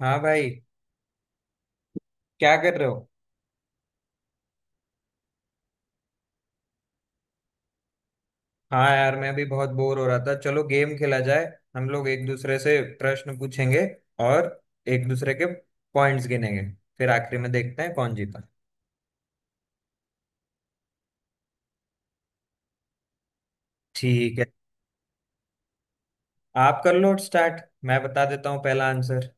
हाँ भाई, क्या कर रहे हो? हाँ यार, मैं भी बहुत बोर हो रहा था। चलो गेम खेला जाए। हम लोग एक दूसरे से प्रश्न पूछेंगे और एक दूसरे के पॉइंट्स गिनेंगे। फिर आखिरी में देखते हैं कौन जीता। ठीक है, आप कर लो स्टार्ट, मैं बता देता हूँ पहला आंसर।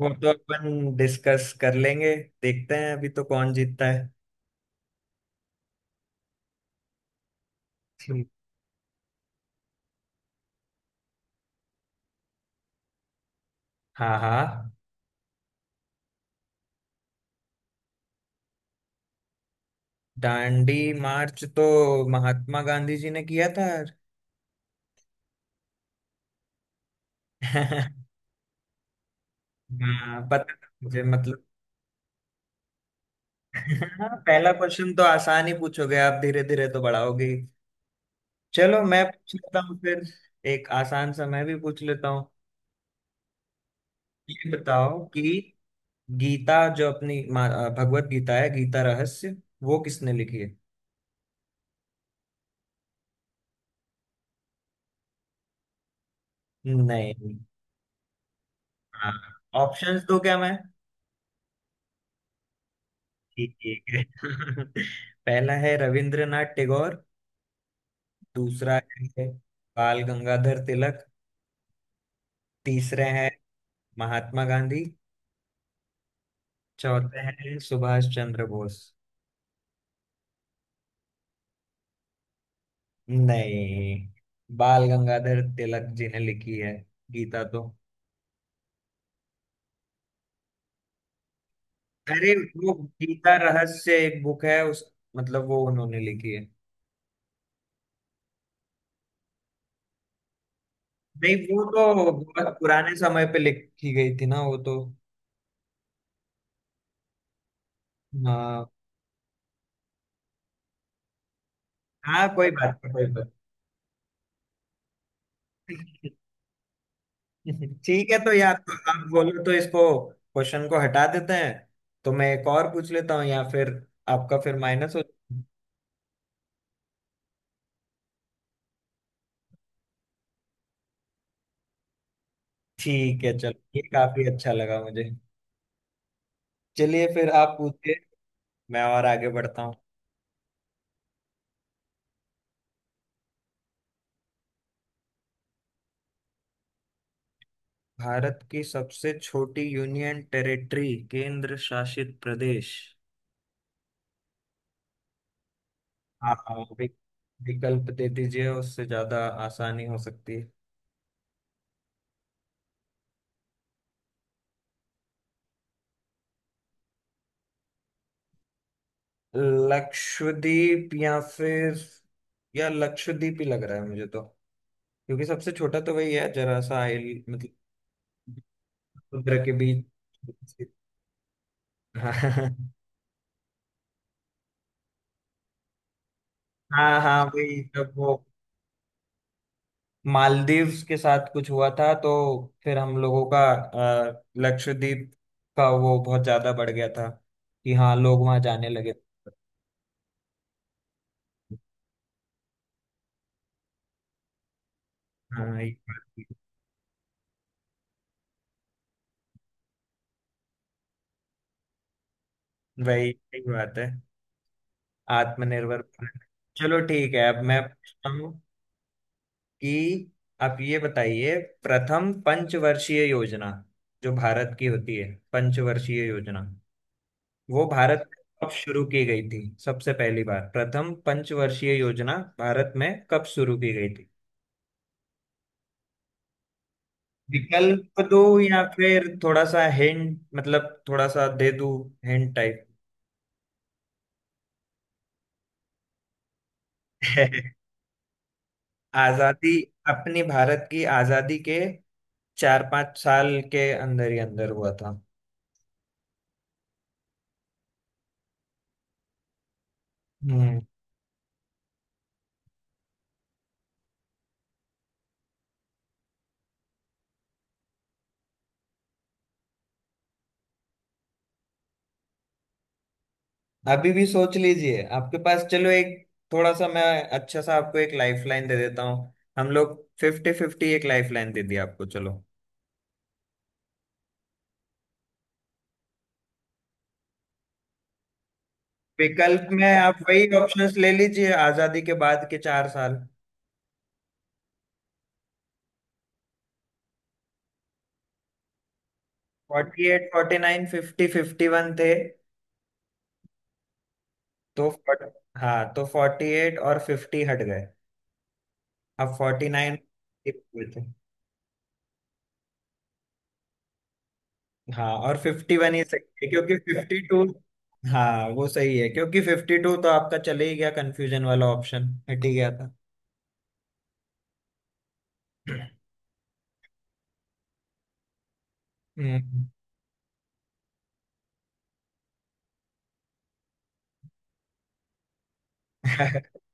वो तो अपन डिस्कस कर लेंगे, देखते हैं अभी तो कौन जीतता है। ठीक। हाँ हाँ। दांडी मार्च तो महात्मा गांधी जी ने किया था यार। हाँ पता था मुझे, हाँ, पहला क्वेश्चन तो आसान ही पूछोगे आप, धीरे धीरे तो बढ़ाओगे ही। चलो मैं पूछ लेता हूँ फिर। एक आसान सा मैं भी पूछ लेता हूँ। ये बताओ कि गीता जो अपनी मा- भगवत गीता है, गीता रहस्य, वो किसने लिखी है? नहीं। हाँ, ऑप्शंस दो क्या मैं? ठीक ठीक है। पहला है रविंद्रनाथ टैगोर, दूसरा है बाल गंगाधर तिलक, तीसरे हैं महात्मा गांधी, चौथे हैं सुभाष चंद्र बोस। नहीं, बाल गंगाधर तिलक जी ने लिखी है गीता तो। अरे वो गीता रहस्य एक बुक है, उस वो उन्होंने लिखी है। नहीं, वो तो बहुत पुराने समय पे लिखी गई थी ना वो तो। हाँ हाँ। कोई बात नहीं, कोई बात नहीं। ठीक है तो यार, तो आप बोलो तो इसको क्वेश्चन को हटा देते हैं तो मैं एक और पूछ लेता हूँ, या फिर आपका फिर माइनस हो। ठीक है, चलो ये काफी अच्छा लगा मुझे। चलिए फिर आप पूछिए। मैं और आगे बढ़ता हूँ। भारत की सबसे छोटी यूनियन टेरिटरी, केंद्र शासित प्रदेश। हाँ, वि- विकल्प दे दीजिए, उससे ज्यादा आसानी हो सकती है। लक्षद्वीप, या फिर या लक्षद्वीप ही लग रहा है मुझे तो, क्योंकि सबसे छोटा तो वही है, जरा सा आइल समुद्र के बीच। हाँ। हाँ हाँ, वही सब वो मालदीव्स के साथ कुछ हुआ था, तो फिर हम लोगों का लक्षद्वीप का वो बहुत ज्यादा बढ़ गया था कि हाँ, लोग वहां जाने लगे। हाँ ये बात भी- वही सही बात है। आत्मनिर्भर भारत। चलो ठीक है, अब मैं पूछता हूँ कि आप ये बताइए, प्रथम पंचवर्षीय योजना, जो भारत की होती है पंचवर्षीय योजना, वो भारत में कब शुरू की गई थी? सबसे पहली बार प्रथम पंचवर्षीय योजना भारत में कब शुरू की गई? विकल्प दूं या फिर थोड़ा सा हिंट, थोड़ा सा दे दूं, हिंट टाइप। आजादी, अपनी भारत की आजादी के चार पांच साल के अंदर ही अंदर हुआ था। हम्म। अभी भी सोच लीजिए, आपके पास चलो एक थोड़ा सा मैं, अच्छा सा आपको एक लाइफलाइन दे देता हूँ। हम लोग फिफ्टी फिफ्टी एक लाइफलाइन दे दी आपको, चलो। विकल्प में आप वही ऑप्शंस ले लीजिए, आजादी के बाद के चार साल। Forty eight, forty nine, fifty, fifty one थे। तो 40, हाँ, तो फोर्टी एट और फिफ्टी हट गए। अब फोर्टी नाइन थे। हाँ, और फिफ्टी वन ही सही है क्योंकि फिफ्टी टू, हाँ वो सही है, क्योंकि फिफ्टी टू तो आपका चले ही गया, कंफ्यूजन वाला ऑप्शन हट ही गया था। हम्म।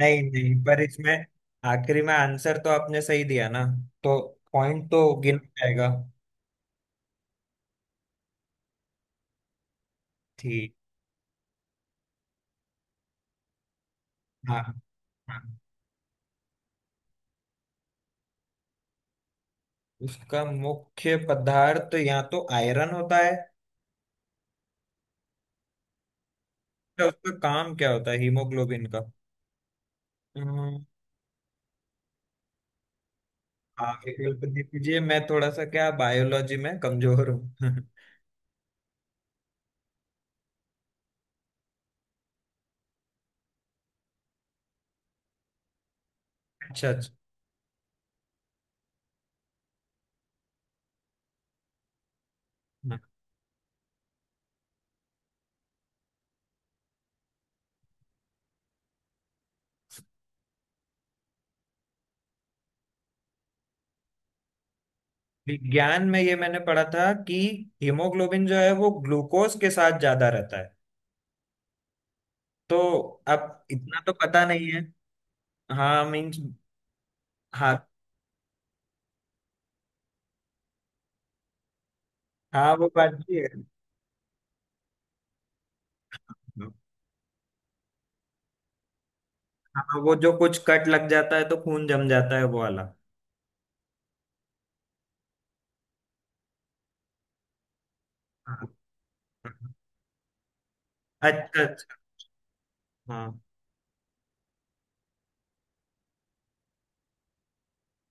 नहीं नहीं, पर इसमें आखिरी में आंसर तो आपने सही दिया ना, तो पॉइंट तो गिन जाएगा। ठीक। हाँ हाँ। उसका मुख्य पदार्थ या तो आयरन होता है। या उसका काम क्या होता है हीमोग्लोबिन। हम्म, आप एक हेल्प दे दीजिए, मैं थोड़ा सा क्या बायोलॉजी में कमजोर हूँ। अच्छा अच्छा। हाँ। विज्ञान में ये मैंने पढ़ा था कि हीमोग्लोबिन जो है वो ग्लूकोज के साथ ज्यादा रहता है तो, अब इतना तो पता नहीं है। हाँ मीन्स। हाँ हाँ, वो बात भी है। हाँ, वो जो कुछ कट लग जाता है तो खून जम जाता है वो वाला। हाँ। अच्छा अच्छा। हाँ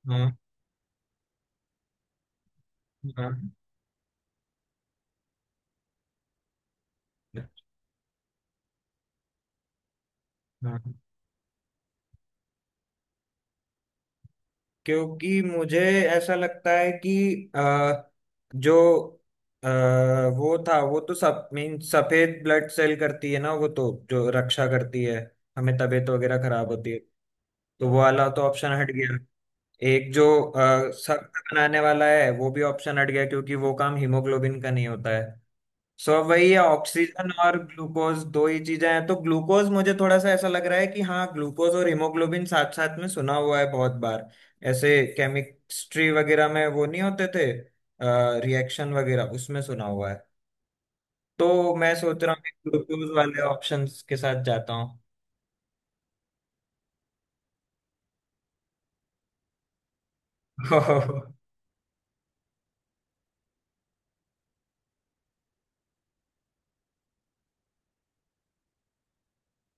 हाँ हाँ। हाँ। क्योंकि मुझे ऐसा लगता है कि अ, जो अ, वो था, वो तो सब मीन सफेद ब्लड सेल करती है ना वो तो, जो रक्षा करती है हमें तबीयत वगैरह खराब होती है, तो वो वाला तो ऑप्शन हट गया। एक जो सख्त बनाने वाला है वो भी ऑप्शन हट गया, क्योंकि वो काम हीमोग्लोबिन का नहीं होता है। सो अब वही है, ऑक्सीजन और ग्लूकोज दो ही चीजें हैं। तो ग्लूकोज मुझे थोड़ा सा ऐसा लग रहा है कि हाँ, ग्लूकोज और हीमोग्लोबिन साथ साथ में सुना हुआ है बहुत बार, ऐसे केमिस्ट्री वगैरह में वो नहीं होते थे, रिएक्शन वगैरह उसमें सुना हुआ है। तो मैं सोच रहा हूँ कि ग्लूकोज वाले ऑप्शंस के साथ जाता हूँ।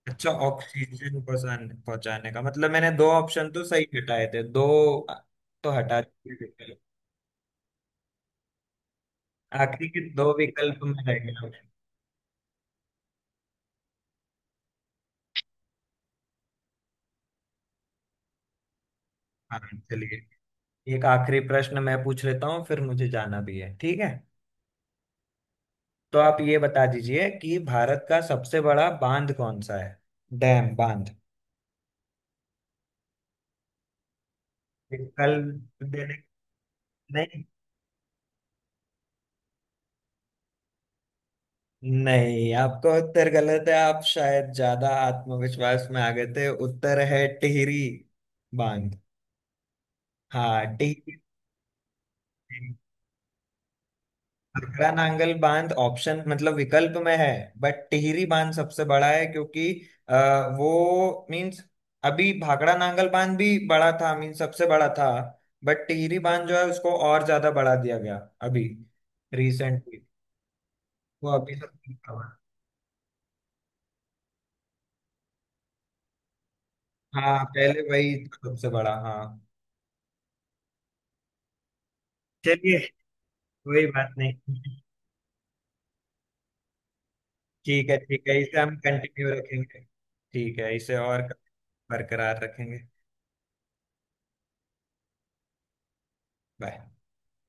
अच्छा, ऑक्सीजन पहुंचाने पहुंचाने का मतलब मैंने दो ऑप्शन तो सही हटाए थे, दो तो हटा दिए। आखिरी के दो विकल्प में रह गया। हाँ। चलिए, एक आखिरी प्रश्न मैं पूछ लेता हूँ, फिर मुझे जाना भी है, ठीक है? तो आप ये बता दीजिए कि भारत का सबसे बड़ा बांध कौन सा है? डैम, बांध। कल देने। नहीं नहीं, आपका उत्तर गलत है। आप शायद ज्यादा आत्मविश्वास में आ गए थे। उत्तर है टिहरी बांध। हाँ टिहरी। आगरा नांगल बांध ऑप्शन विकल्प में है, बट टिहरी बांध सबसे बड़ा है, क्योंकि अ, वो मीन्स, अभी भाखड़ा नांगल बांध भी बड़ा था, मीन्स सबसे बड़ा था, बट टिहरी बांध जो है उसको और ज्यादा बढ़ा दिया गया अभी, रिसेंटली। वो अभी सबसे बड़ा। है। हाँ, पहले वही था सबसे बड़ा, हाँ। चलिए, कोई बात नहीं। ठीक है ठीक है, इसे हम कंटिन्यू रखेंगे। ठीक है, इसे और बरकरार रखेंगे। बाय।